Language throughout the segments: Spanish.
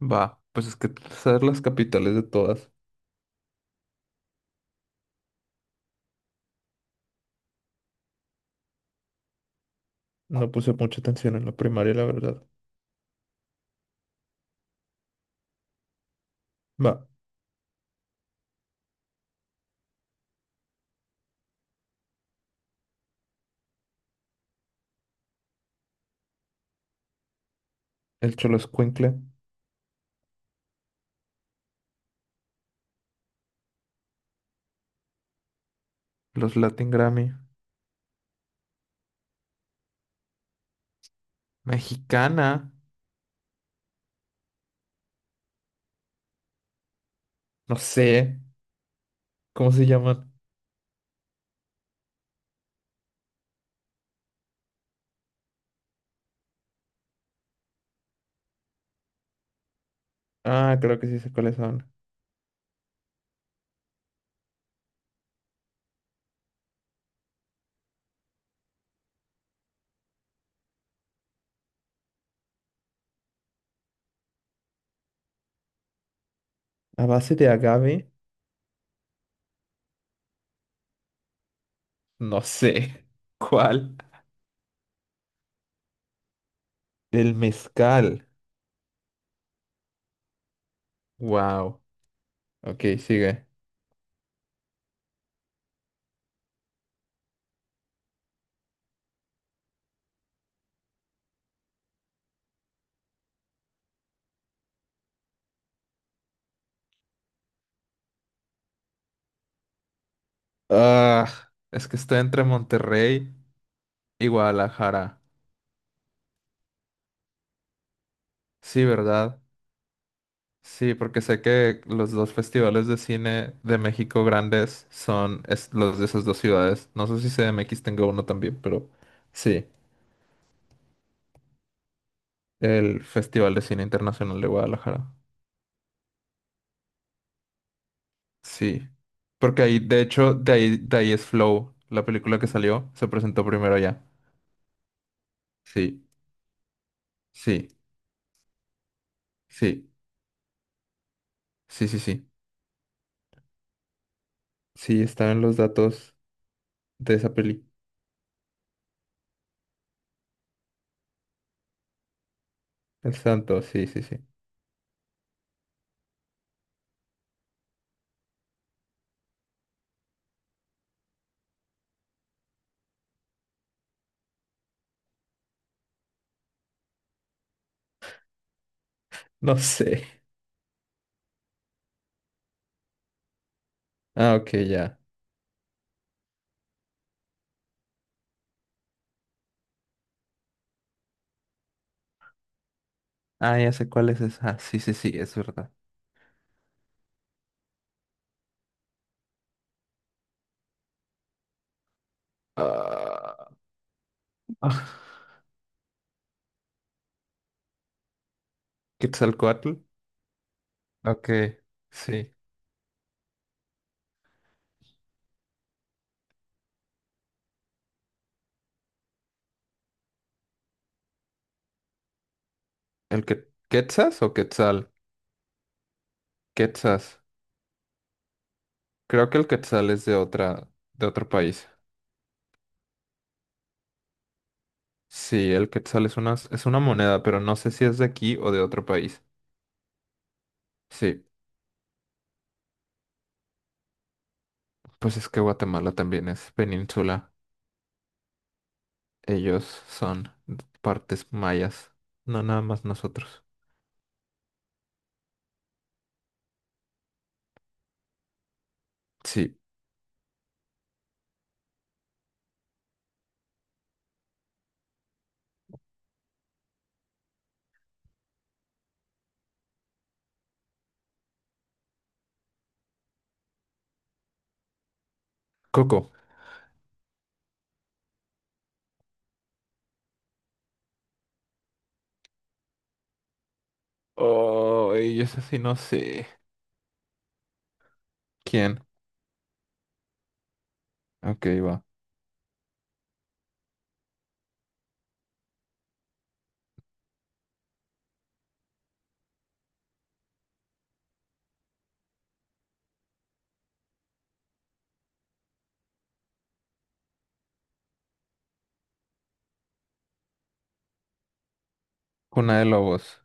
Va, pues es que saber las capitales de todas. No puse mucha atención en la primaria, la verdad. Va, el Cholo Escuincle, los Latin Grammy, mexicana, no sé, ¿cómo se llaman? Ah, creo que sí sé cuáles son. A base de agave, no sé. ¿Cuál? El mezcal. Wow. Ok, sigue. Ah, es que estoy entre Monterrey y Guadalajara. Sí, ¿verdad? Sí, porque sé que los dos festivales de cine de México grandes son los de esas dos ciudades. No sé si CDMX tenga uno también, pero sí, el Festival de Cine Internacional de Guadalajara. Sí, porque ahí, de hecho, de ahí es Flow, la película que salió, se presentó primero allá. Sí, sí, sí, sí, sí, sí. Sí, estaban los datos de esa peli. El santo, sí, sí, sí. No sé. Ah, ok, ya. Ah, ya sé cuál es esa. Ah, sí, sí, sí, es verdad. Ah, Quetzalcóatl. Ok, sí. ¿El que Quetzas o Quetzal? Quetzas. Creo que el Quetzal es de otra, de otro país. Sí, el Quetzal es una moneda, pero no sé si es de aquí o de otro país. Sí, pues es que Guatemala también es península. Ellos son partes mayas. No nada más nosotros. Sí. Coco. Oh, y eso sí no sé. ¿Quién? Ok, va. Cuna de Lobos.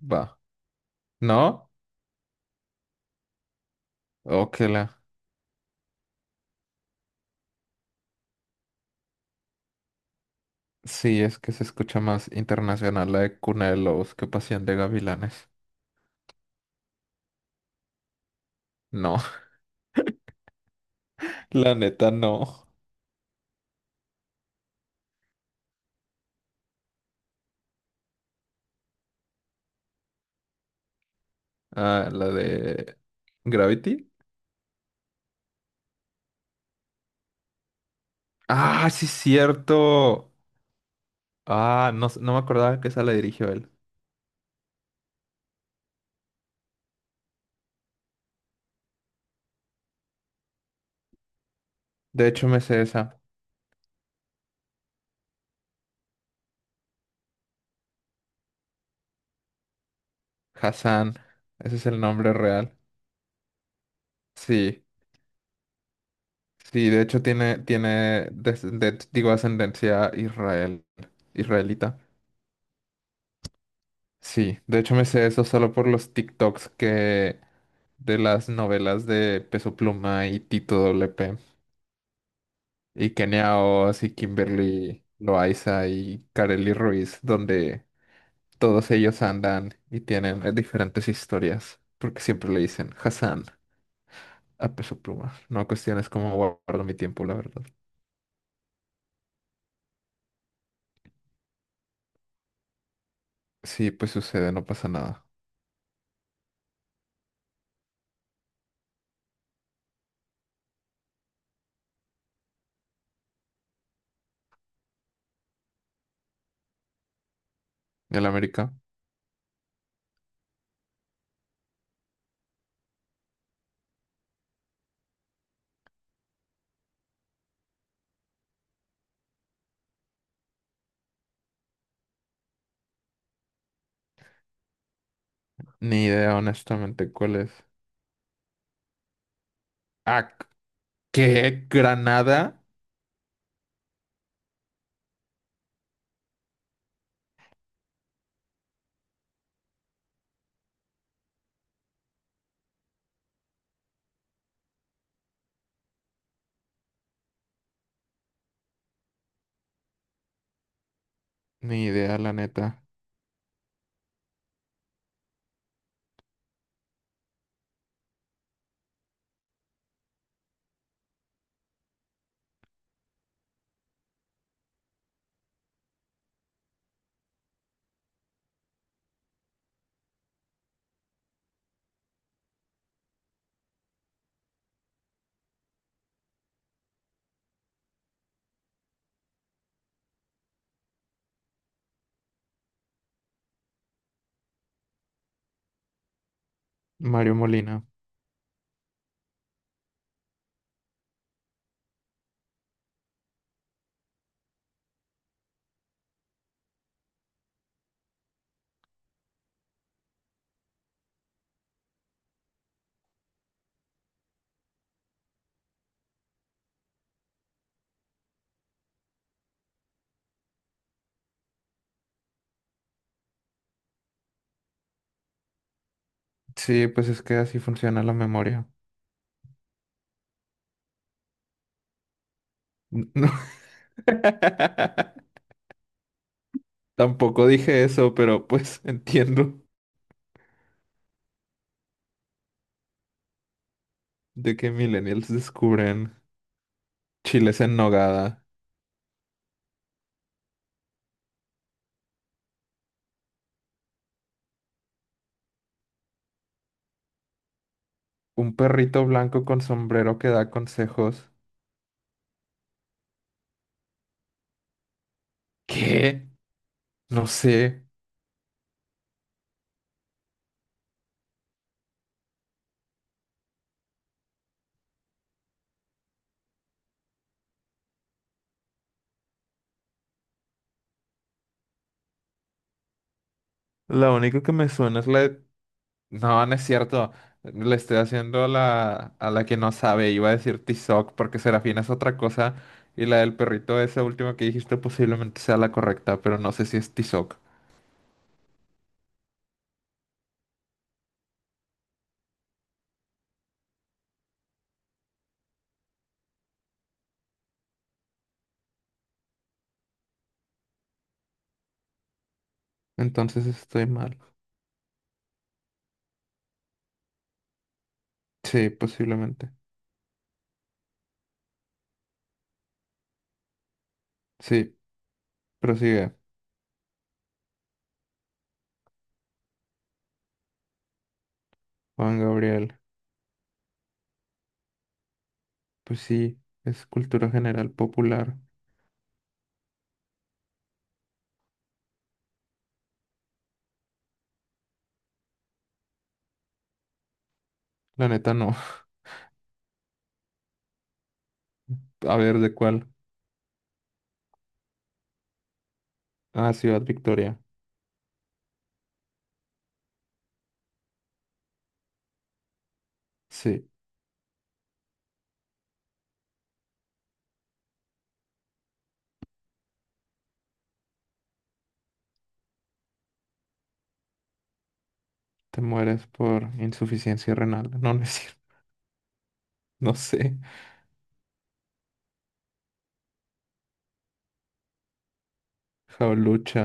Va. ¿No? Oh, que la. Sí, es que se escucha más internacional la de Cuna de Lobos que Pasión de Gavilanes. No, la neta no. Ah, la de Gravity. Ah, sí, cierto. Ah, no, no me acordaba que esa la dirigió él. De hecho, me sé esa. Hassan. Ese es el nombre real. Sí, sí, de hecho tiene, digo, ascendencia israel, israelita. Sí, de hecho me sé eso solo por los TikToks que de las novelas de Peso Pluma y Tito WP y Kenia Oz y Kimberly Loaiza y Karely Ruiz, donde todos ellos andan y tienen diferentes historias, porque siempre le dicen Hassan a Peso Pluma. No cuestiones cómo guardo mi tiempo, la verdad. Sí, pues sucede, no pasa nada. ¿Y el América? Ni idea, honestamente, cuál es. Ah, ¿qué? ¿Granada? Ni idea, la neta. Mario Molina. Sí, pues es que así funciona la memoria. No. Tampoco dije eso, pero pues entiendo de que millennials descubren chiles en nogada. Un perrito blanco con sombrero que da consejos. ¿Qué? No sé. La única que me suena es la de no, no es cierto. Le estoy haciendo la, a la que no sabe. Iba a decir Tizoc porque Serafina es otra cosa. Y la del perrito, esa última que dijiste, posiblemente sea la correcta, pero no sé si es Tizoc. Entonces estoy mal. Sí, posiblemente. Sí, prosigue. Juan Gabriel. Pues sí, es cultura general popular. La neta no. A ver, ¿de cuál? Ah, Ciudad Victoria. Sí, te mueres por insuficiencia renal. No, no es cierto. No sé. Jaulucha.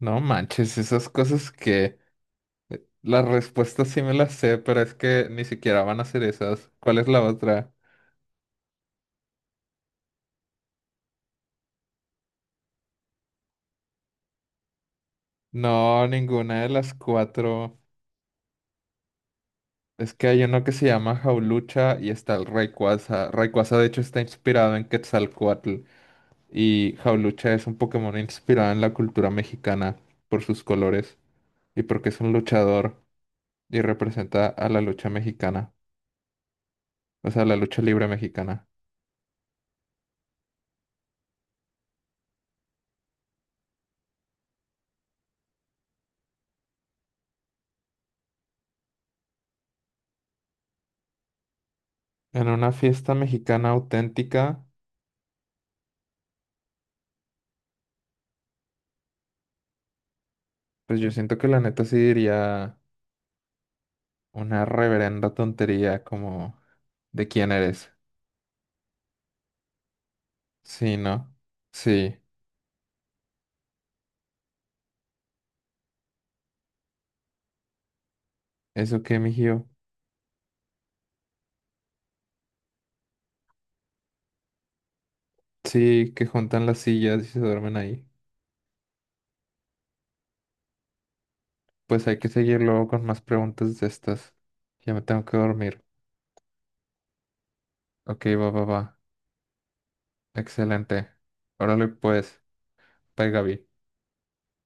No manches, esas cosas que las respuestas sí me las sé, pero es que ni siquiera van a ser esas. ¿Cuál es la otra? No, ninguna de las cuatro. Es que hay uno que se llama Jaulucha y está el Rayquaza. Rayquaza de hecho está inspirado en Quetzalcóatl y Jaulucha es un Pokémon inspirado en la cultura mexicana por sus colores y porque es un luchador y representa a la lucha mexicana, o sea, la lucha libre mexicana. En una fiesta mexicana auténtica. Pues yo siento que la neta sí diría una reverenda tontería como ¿de quién eres? Sí, ¿no? Sí, eso que mijío. Sí, que juntan las sillas y se duermen ahí. Pues hay que seguir luego con más preguntas de estas. Ya me tengo que dormir. Ok, va, va, va. Excelente. Órale, pues. Bye, Gaby.